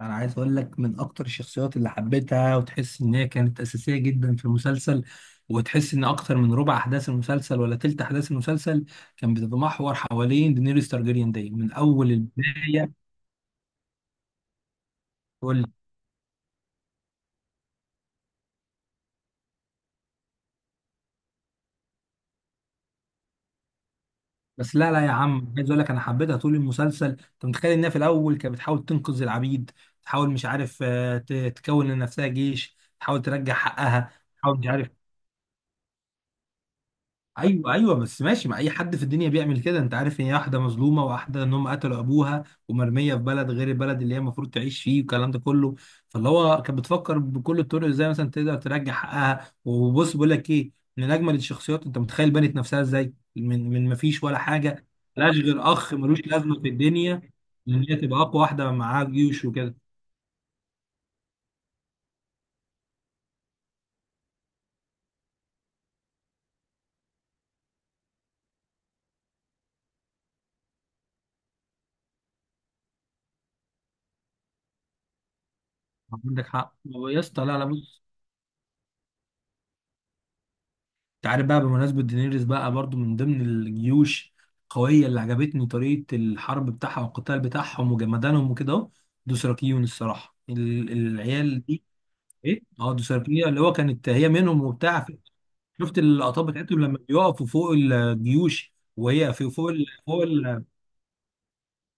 انا عايز اقول لك من اكتر الشخصيات اللي حبيتها، وتحس ان هي كانت اساسيه جدا في المسلسل، وتحس ان اكتر من ربع احداث المسلسل ولا تلت احداث المسلسل كان بتتمحور حوالين دينيريس تارجيريان دي من اول البدايه. تقول لي. بس لا يا عم، عايز اقول لك انا حبيتها طول المسلسل. انت متخيل انها في الاول كانت بتحاول تنقذ العبيد، تحاول مش عارف، تكون لنفسها جيش، تحاول ترجع حقها. تحاول مش عارف. ايوه ايوه بس ماشي، ما اي حد في الدنيا بيعمل كده. انت عارف ان هي واحده مظلومه، واحده ان هم قتلوا ابوها ومرميه في بلد غير البلد اللي هي المفروض تعيش فيه والكلام ده كله. فاللي هو كانت بتفكر بكل الطرق ازاي مثلا تقدر ترجع حقها. وبص بقول لك ايه، من اجمل الشخصيات. انت متخيل بنت نفسها ازاي من ما فيش ولا حاجه، ملهاش غير اخ ملوش لازمه في الدنيا، ان هي تبقى اقوى واحده معاها جيوش وكده. عندك حق يا اسطى. لا بص، انت عارف بقى بمناسبة دينيريس، بقى برضو من ضمن الجيوش القوية اللي عجبتني طريقة الحرب بتاعها والقتال بتاعهم وجمدانهم وكده اهو، دوسراكيون. الصراحة العيال دي، ايه، اه دوسراكيون، اللي هو كانت هي منهم وبتاع. شفت اللقطات بتاعتهم لما بيقفوا فوق الجيوش وهي في فوق فوق.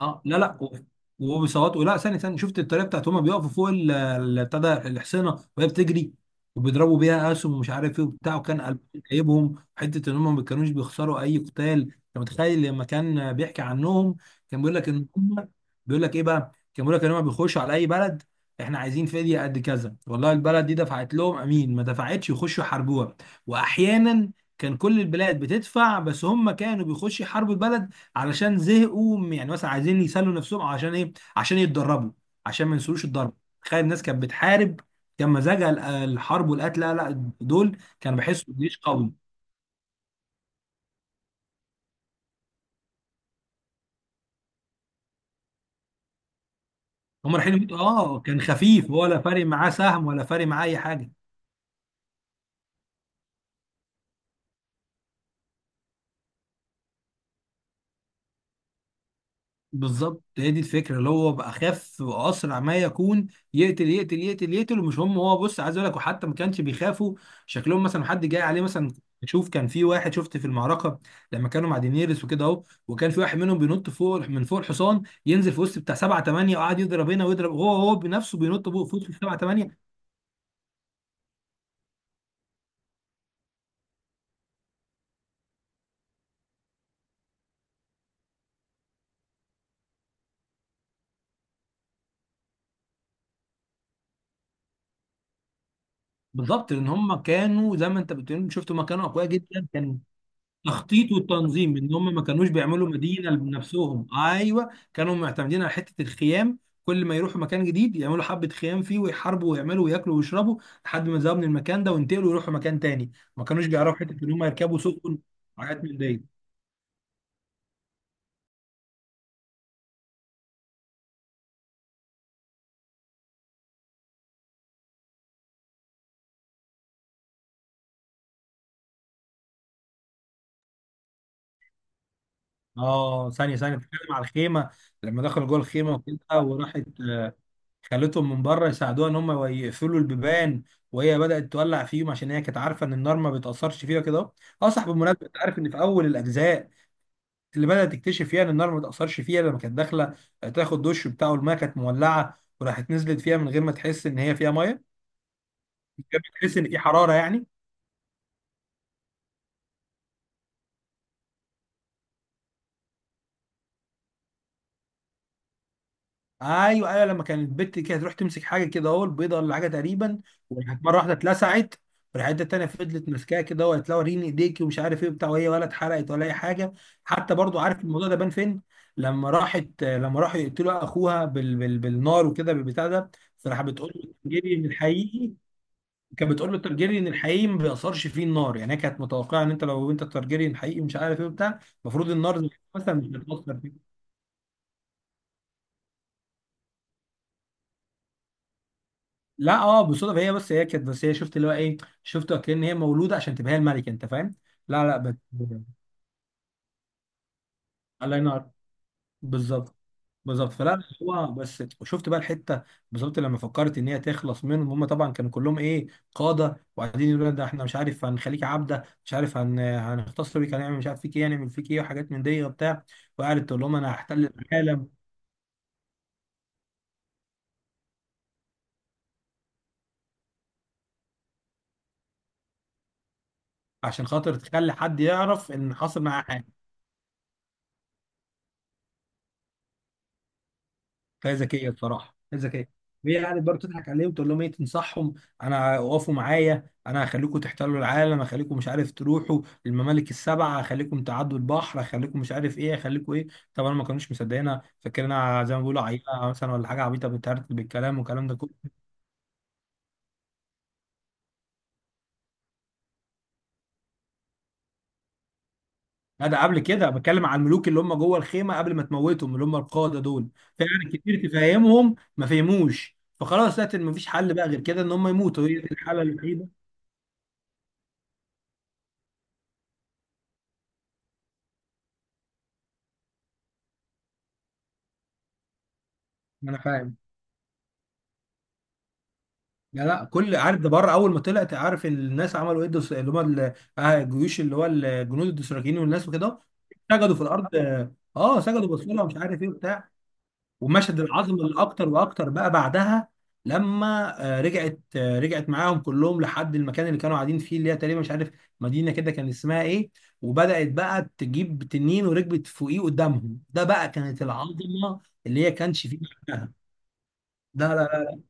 اه لا، وهو بيصوتوا. لا، ثاني شفت الطريقه بتاعت هما بيقفوا فوق بتاع ده الحصينه وهي بتجري وبيضربوا بيها اسهم ومش عارف ايه وبتاع. وكان قلب جايبهم حته ان هم ما كانوش بيخسروا اي قتال. انت متخيل لما كان بيحكي عنهم كان بيقول لك ان هم، بيقول لك ايه بقى، كان بيقول لك ان هم بيخشوا على اي بلد، احنا عايزين فديه قد كذا، والله البلد دي دفعت لهم امين، ما دفعتش يخشوا يحاربوها. واحيانا كان كل البلاد بتدفع، بس هم كانوا بيخشوا يحاربوا البلد علشان زهقوا، يعني مثلا عايزين يسلوا نفسهم، عشان ايه، عشان يتدربوا، عشان ما ينسوش الضرب. تخيل الناس كانت بتحارب، كان مزاجها الحرب والقتل. لا، دول كانوا بيحسوا بجيش قوي. هم رايحين يموتوا، اه، كان خفيف، ولا فارق معاه سهم ولا فارق معاه اي حاجه. بالظبط، هي دي الفكره، اللي هو بقى اخف واسرع ما يكون، يقتل يقتل يقتل يقتل. ومش هم هو، بص عايز اقول لك، وحتى ما كانش بيخافوا شكلهم مثلا حد جاي عليه مثلا. شوف، كان في واحد شفت في المعركه لما كانوا مع دينيرس وكده اهو، وكان في واحد منهم بينط فوق من فوق الحصان ينزل في وسط بتاع سبعه ثمانيه وقعد يضرب هنا ويضرب، هو بنفسه بينط فوق في وسط سبعه ثمانيه. بالظبط، لان هم كانوا زي ما انت بتقول، شفت هم كانوا اقوياء جدا. كان تخطيط والتنظيم ان هم ما كانوش بيعملوا مدينه بنفسهم. ايوه، كانوا معتمدين على حته الخيام، كل ما يروحوا مكان جديد يعملوا حبه خيام فيه ويحاربوا ويعملوا وياكلوا ويشربوا لحد ما يذهبوا من المكان ده وينتقلوا يروحوا مكان تاني. ما كانوش بيعرفوا حته ان هم يركبوا سفن وحاجات من دي. اه ثانيه، بتتكلم على الخيمه لما دخلوا جوه الخيمه وكده وراحت آه، خالتهم من بره يساعدوها ان هم يقفلوا البيبان، وهي بدات تولع فيهم عشان هي كانت عارفه ان النار ما بتاثرش فيها كده. اه صح، بالمناسبه انت عارف ان في اول الاجزاء اللي بدأت تكتشف يعني النار ما تأثرش فيها، لما كانت داخلة تاخد دش بتاعه الماء، كانت مولعة وراحت نزلت فيها من غير ما تحس إن هي فيها مية، من غير ما تحس إن في حرارة يعني. أيوه أيوه، لما كانت البت كده تروح تمسك حاجة كده، أهو البيضة ولا حاجة تقريبا، وراحت مرة واحدة اتلسعت، والحته التانية فضلت ماسكاها كده وقالت لها وريني ايديكي ومش عارف ايه وبتاع، وهي ولا اتحرقت ولا اي حاجه. حتى برضو، عارف الموضوع ده بان فين؟ لما راحت، لما راحوا يقتلوا اخوها بالنار وكده بالبتاع ده، فراح بتقول له جري من الحقيقي، كانت بتقول له الترجيريان الحقيقي ما بيأثرش فيه النار. يعني هي كانت متوقعه ان انت لو انت الترجيريان الحقيقي مش عارف ايه وبتاع، المفروض النار زي كده مثلا مش بتأثر فيه. لا، اه، بالصدفه، هي بس، هي كانت بس هي شفت اللي هو ايه، شفت كأن هي مولوده عشان تبقى هي الملكه، انت فاهم. لا لا بت... الله ينور. بالظبط. بالظبط، فلا بس هو بس وشفت بقى الحته. بالظبط، لما فكرت ان هي تخلص منهم، هم طبعا كانوا كلهم ايه، قاده، وقاعدين يقولوا لنا، ده احنا مش عارف هنخليك عبده، مش عارف هنختصر بيك، هنعمل مش عارف فيك ايه، هنعمل فيك ايه، وحاجات من دي وبتاع، وقعدت تقول لهم انا هحتل العالم. عشان خاطر تخلي حد يعرف ان حصل معاه حاجه. هي ذكيه بصراحه، هي ذكيه. وهي قاعده برضه تضحك عليهم تقول لهم ايه، تنصحهم، انا وقفوا معايا انا هخليكم تحتلوا العالم، هخليكم مش عارف تروحوا الممالك السبعه، هخليكم تعدوا البحر، هخليكم مش عارف ايه، هخليكم ايه. طبعا ما كانوش مصدقينها، فاكرينها زي ما بيقولوا عيله مثلا ولا حاجه عبيطه بتهرتل بالكلام والكلام ده كله. لا، ده قبل كده، بتكلم على الملوك اللي هم جوه الخيمه قبل ما تموتهم، اللي هم القاده دول. فعلا كتير تفهمهم ما فهموش، فخلاص لقيت ان مفيش حل بقى غير كده ان هم يموتوا، هي دي الحاله الوحيده. انا فاهم. لا، كل عارف ده بره، اول ما طلعت عارف الناس عملوا ايه؟ الدس- اللي هم ال- آه، الجيوش، اللي هو الجنود الدوسراكيين والناس وكده، سجدوا في الارض. اه سجدوا، بصوا لها مش عارف ايه وبتاع. ومشهد العظمه الاكتر واكتر بقى بعدها، لما رجعت معاهم كلهم لحد المكان اللي كانوا قاعدين فيه، اللي هي تقريبا مش عارف، مدينه كده كان اسمها ايه، وبدات بقى تجيب تنين وركبت فوقيه قدامهم. ده بقى كانت العظمه اللي هي كانش فيه بعدها. لا،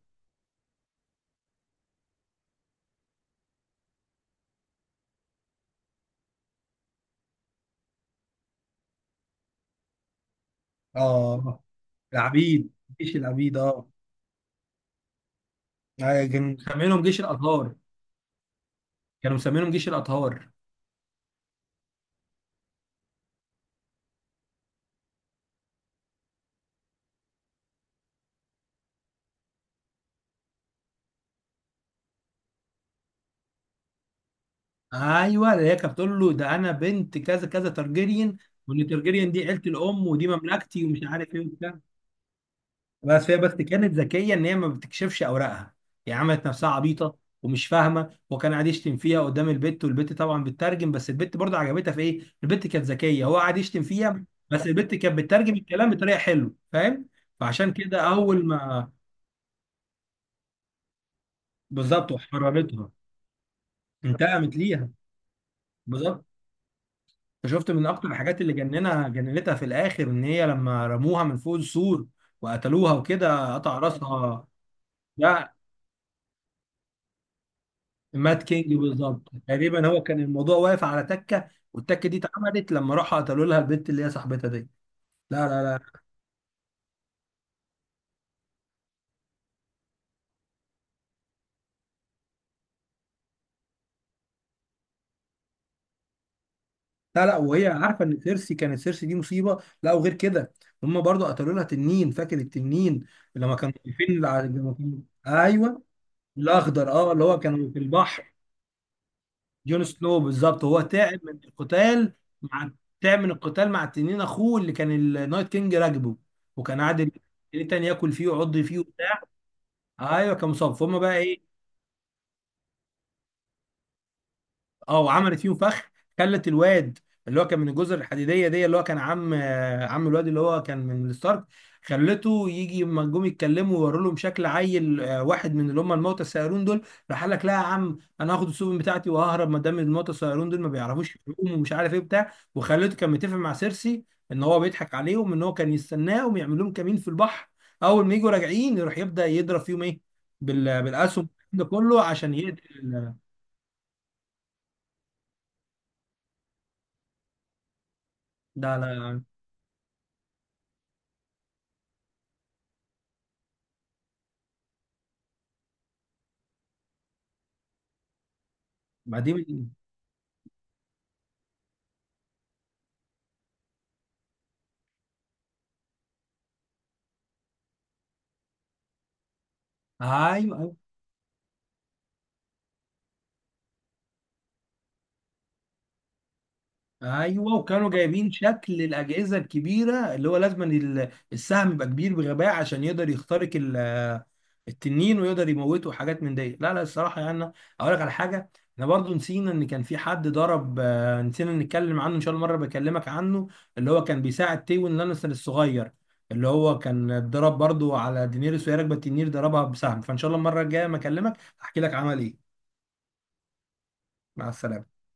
اه، العبيد، مفيش، العبيد اه، كانوا مسمينهم جيش الاطهار. كانوا مسمينهم جيش الاطهار. ايوه، اللي هي كانت بتقول له ده انا بنت كذا كذا ترجيريان، وان ترجيريان دي عيله الام ودي مملكتي ومش عارف ايه وبتاع. بس هي كانت ذكيه ان هي ما بتكشفش اوراقها، هي عملت نفسها عبيطه ومش فاهمه، وكان قاعد يشتم فيها قدام البت، والبت طبعا بتترجم. بس البت برضه عجبتها في ايه؟ البت كانت ذكيه، هو قاعد يشتم فيها بس البت كانت بتترجم الكلام بطريقه حلوه، فاهم؟ فعشان كده اول ما، بالظبط، وحررتها، انتقمت ليها، بالظبط. شفت من اكتر الحاجات اللي جننها، جننتها في الاخر، ان هي لما رموها من فوق السور وقتلوها وكده قطع راسها. ده مات كينج بالظبط، تقريبا هو كان الموضوع واقف على تكه والتكه دي اتعملت لما راحوا قتلوا لها البنت اللي هي صاحبتها دي. لا لا لا لا لا، وهي عارفه ان سيرسي كانت، سيرسي دي مصيبه. لا وغير كده، هم برضو قتلوا لها تنين، فاكر التنين لما كانوا واقفين على-، لما كانوا-، ايوه، الاخضر، اه، اللي هو كانوا في البحر. جون سنو بالظبط، هو تعب من القتال مع، تعب من القتال مع تنين اخوه اللي كان النايت كينج راكبه، وكان قاعد التاني ياكل فيه ويعض فيه وبتاع. ايوه كان مصاب، فهم بقى ايه. اه، وعملت فيهم فخ، خلت الواد اللي هو كان من الجزر الحديديه دي، اللي هو كان عم عم الواد اللي هو كان من الستارك، خلته يجي لما جم يتكلموا ويوروا لهم شكل عيل، واحد من اللي هم الموتى السيارون دول، راح قال لك لا يا عم انا هاخد السفن بتاعتي وههرب ما دام الموتى السيارون دول ما بيعرفوش يعوموا ومش عارف ايه بتاع، وخلته كان متفق مع سيرسي ان هو بيضحك عليهم، ان هو كان يستناهم يعمل لهم كمين في البحر، اول ما يجوا راجعين يروح يبدا يضرب فيهم ايه بالاسهم ده كله عشان يقتل ده. لا، بعدين، ايوه ايوه ايوه، وكانوا جايبين شكل الاجهزه الكبيره، اللي هو لازم إن السهم يبقى كبير بغباء عشان يقدر يخترق التنين ويقدر يموته، وحاجات من دي. لا، الصراحه يعني أنا اقول لك على حاجه، احنا برضو نسينا ان كان في حد ضرب، نسينا نتكلم عنه، ان شاء الله مره بكلمك عنه، اللي هو كان بيساعد تيون لانستر الصغير، اللي هو كان اتضرب برضو على دينيريس وهي راكبه التنين، ضربها بسهم. فان شاء الله المره الجايه ما اكلمك احكي لك عمل ايه. مع السلامه.